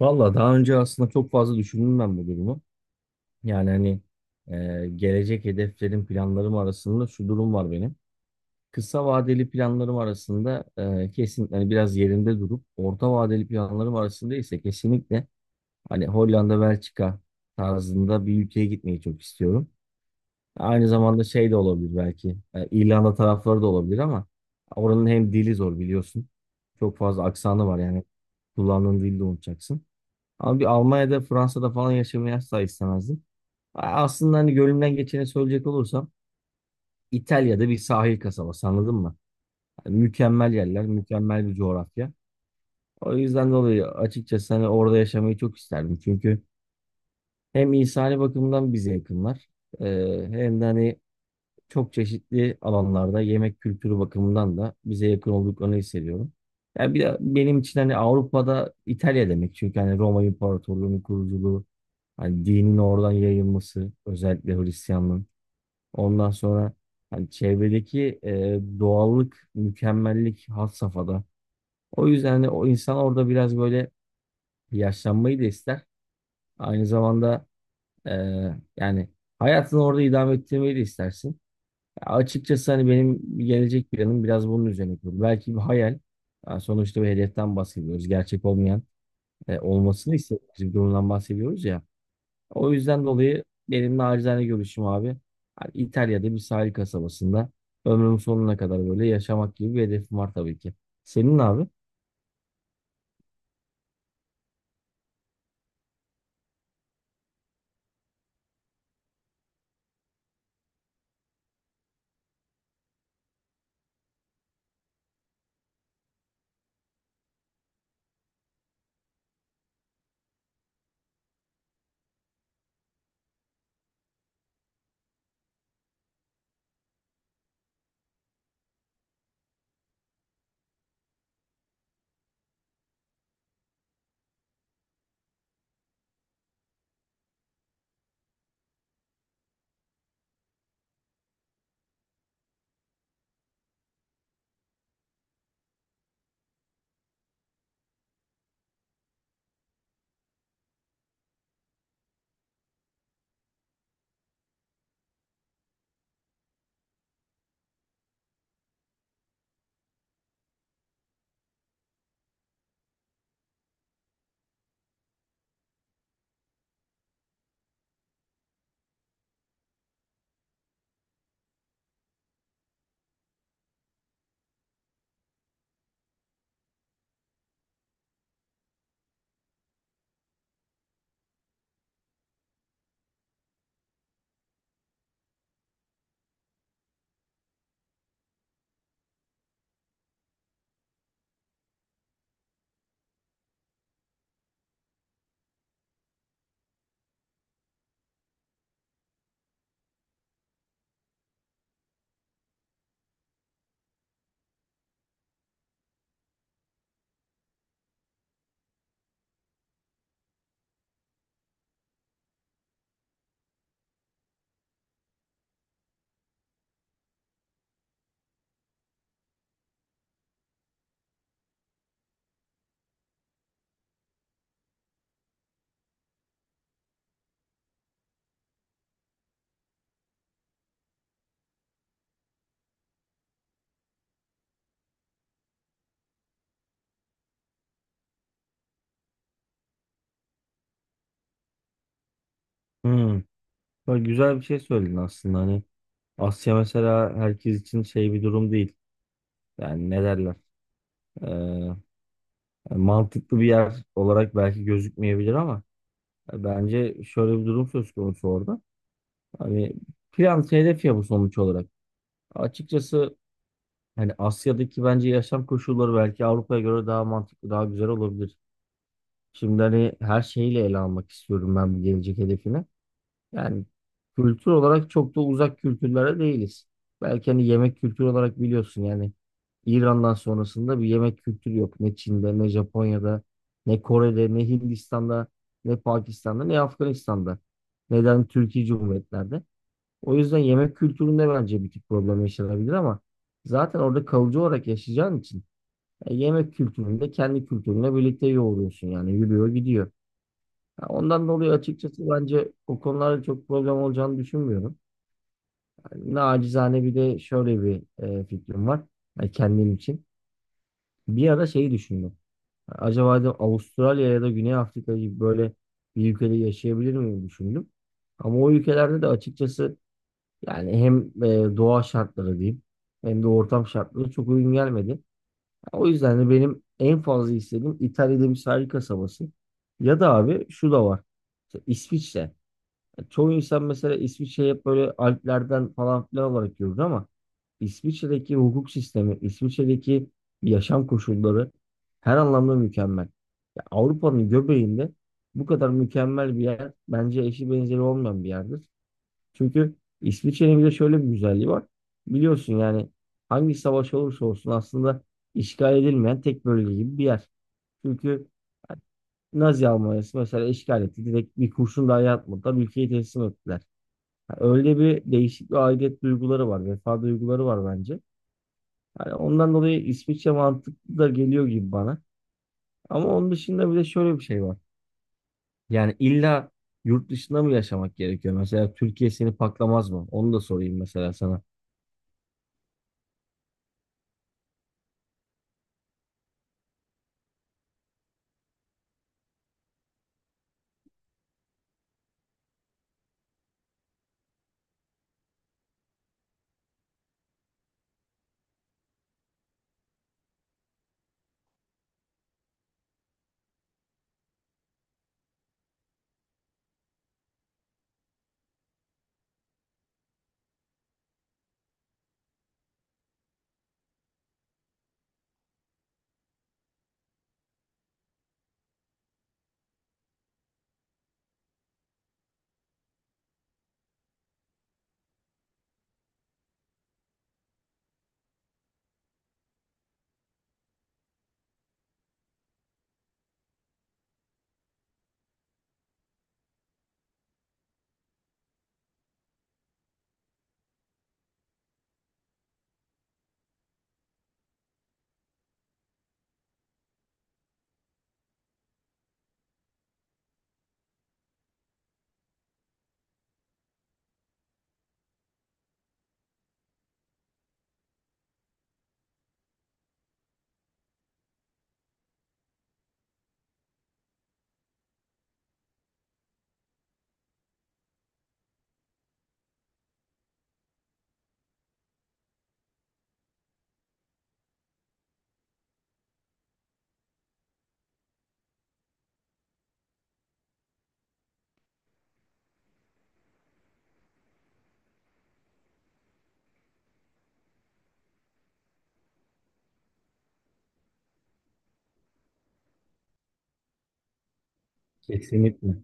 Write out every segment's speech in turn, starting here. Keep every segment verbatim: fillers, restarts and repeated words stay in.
Valla daha önce aslında çok fazla düşündüm ben bu durumu. Yani hani e, gelecek hedeflerim, planlarım arasında şu durum var benim. Kısa vadeli planlarım arasında e, kesinlikle hani biraz yerinde durup orta vadeli planlarım arasında ise kesinlikle hani Hollanda, Belçika tarzında bir ülkeye gitmeyi çok istiyorum. Aynı zamanda şey de olabilir belki e, İrlanda tarafları da olabilir ama oranın hem dili zor biliyorsun. Çok fazla aksanı var yani kullandığın dili de unutacaksın. Ama bir Almanya'da, Fransa'da falan yaşamayı asla istemezdim. Aslında hani gönlümden geçeni söyleyecek olursam İtalya'da bir sahil kasabası anladın mı? Hani mükemmel yerler, mükemmel bir coğrafya. O yüzden dolayı açıkçası hani orada yaşamayı çok isterdim. Çünkü hem insani bakımdan bize yakınlar, e, hem de hani çok çeşitli alanlarda yemek kültürü bakımından da bize yakın olduklarını hissediyorum. Yani bir de benim için hani Avrupa'da İtalya demek. Çünkü hani Roma İmparatorluğu'nun kuruculuğu, hani dinin oradan yayılması özellikle Hristiyanlığın. Ondan sonra hani çevredeki e, doğallık, mükemmellik had safhada. O yüzden hani o insan orada biraz böyle yaşlanmayı da ister. Aynı zamanda e, yani hayatını orada idame ettirmeyi de istersin. Ya açıkçası hani benim gelecek planım biraz bunun üzerine kurulu. Belki bir hayal. Yani sonuçta bir hedeften bahsediyoruz. Gerçek olmayan, e, olmasını istediğimiz bir durumdan bahsediyoruz ya. O yüzden dolayı benim nacizane görüşüm abi. Hani İtalya'da bir sahil kasabasında ömrümün sonuna kadar böyle yaşamak gibi bir hedefim var tabii ki. Senin ne abi? Hmm. Böyle güzel bir şey söyledin aslında. Hani Asya mesela herkes için şey bir durum değil. Yani ne derler? Ee, yani mantıklı bir yer olarak belki gözükmeyebilir ama bence şöyle bir durum söz konusu orada. Hani plan hedef ya bu sonuç olarak. Açıkçası. Yani Asya'daki bence yaşam koşulları belki Avrupa'ya göre daha mantıklı, daha güzel olabilir. Şimdi hani her şeyiyle ele almak istiyorum ben bu gelecek hedefini. Yani kültür olarak çok da uzak kültürlere değiliz. Belki hani yemek kültürü olarak biliyorsun yani İran'dan sonrasında bir yemek kültürü yok. Ne Çin'de, ne Japonya'da, ne Kore'de, ne Hindistan'da, ne Pakistan'da, ne Afganistan'da. Neden Türkiye Cumhuriyetlerde? O yüzden yemek kültüründe bence bir tık problem yaşanabilir ama zaten orada kalıcı olarak yaşayacağın için e, yemek kültüründe kendi kültürünle birlikte yoğuruyorsun yani yürüyor gidiyor. Ha, ondan dolayı açıkçası bence o konularda çok problem olacağını düşünmüyorum. Yani nacizane bir de şöyle bir e, fikrim var yani kendim için. Bir ara şeyi düşündüm. Acaba dedim Avustralya ya da Güney Afrika gibi böyle bir ülkede yaşayabilir miyim düşündüm. Ama o ülkelerde de açıkçası yani hem e, doğa şartları diyeyim hem de ortam şartları çok uygun gelmedi. O yüzden de benim en fazla istediğim İtalya'da bir sahil kasabası. Ya da abi şu da var. İşte İsviçre. Yani çoğu insan mesela İsviçre'yi hep böyle Alplerden falan filan olarak görür ama İsviçre'deki hukuk sistemi, İsviçre'deki yaşam koşulları her anlamda mükemmel. Ya Avrupa'nın göbeğinde bu kadar mükemmel bir yer bence eşi benzeri olmayan bir yerdir. Çünkü İsviçre'nin bir de şöyle bir güzelliği var. Biliyorsun yani hangi savaş olursa olsun aslında işgal edilmeyen tek bölge gibi bir yer. Çünkü Nazi Almanya'sı mesela işgal etti. Direkt bir kurşun dahi atmadan ülkeyi teslim ettiler. Yani öyle bir değişik bir aidiyet duyguları var. Vefa duyguları var bence. Yani ondan dolayı İsviçre mantıklı da geliyor gibi bana. Ama onun dışında bir de şöyle bir şey var. Yani illa yurt dışında mı yaşamak gerekiyor? Mesela Türkiye seni paklamaz mı? Onu da sorayım mesela sana. Kesinlikle.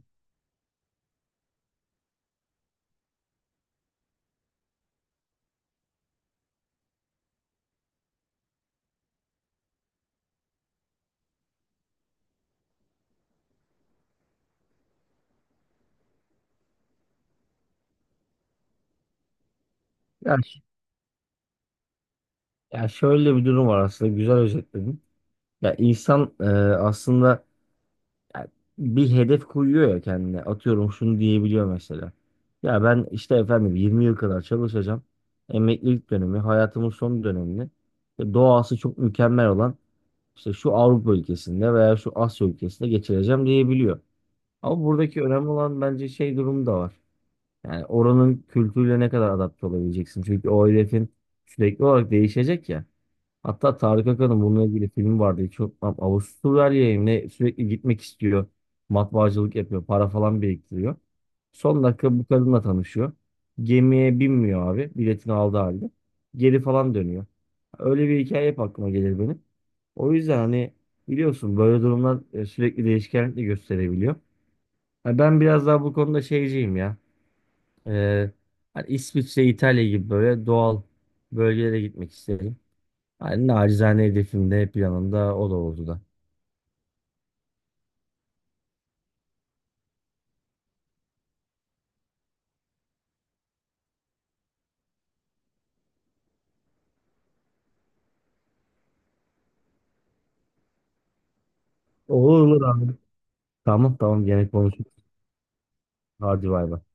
Ya, ş- ya şöyle bir durum var aslında, güzel özetledin. Ya insan, e, aslında ya bir hedef koyuyor ya kendine. Atıyorum şunu diyebiliyor mesela. Ya ben işte efendim yirmi yıl kadar çalışacağım. Emeklilik dönemi, hayatımın son dönemini işte doğası çok mükemmel olan işte şu Avrupa ülkesinde veya şu Asya ülkesinde geçireceğim diyebiliyor. Ama buradaki önemli olan bence şey durumu da var. Yani oranın kültürüyle ne kadar adapte olabileceksin. Çünkü o hedefin sürekli olarak değişecek ya. Hatta Tarık Akan'ın bununla ilgili filmi vardı. Hiç unutmam. Avusturya'ya mı ne sürekli gitmek istiyor. Matbaacılık yapıyor. Para falan biriktiriyor. Son dakika bu kadınla tanışıyor. Gemiye binmiyor abi. Biletini aldı halde. Geri falan dönüyor. Öyle bir hikaye hep aklıma gelir benim. O yüzden hani biliyorsun böyle durumlar e, sürekli değişkenlik de gösterebiliyor. Ha, ben biraz daha bu konuda şeyciyim ya. Ee, Hani İsviçre, İtalya gibi böyle doğal bölgelere gitmek isterim. Yani nacizane hedefim de hep yanında o da oldu da. Olur olur abi. Tamam tamam gene konuşuruz. Hadi bay bay.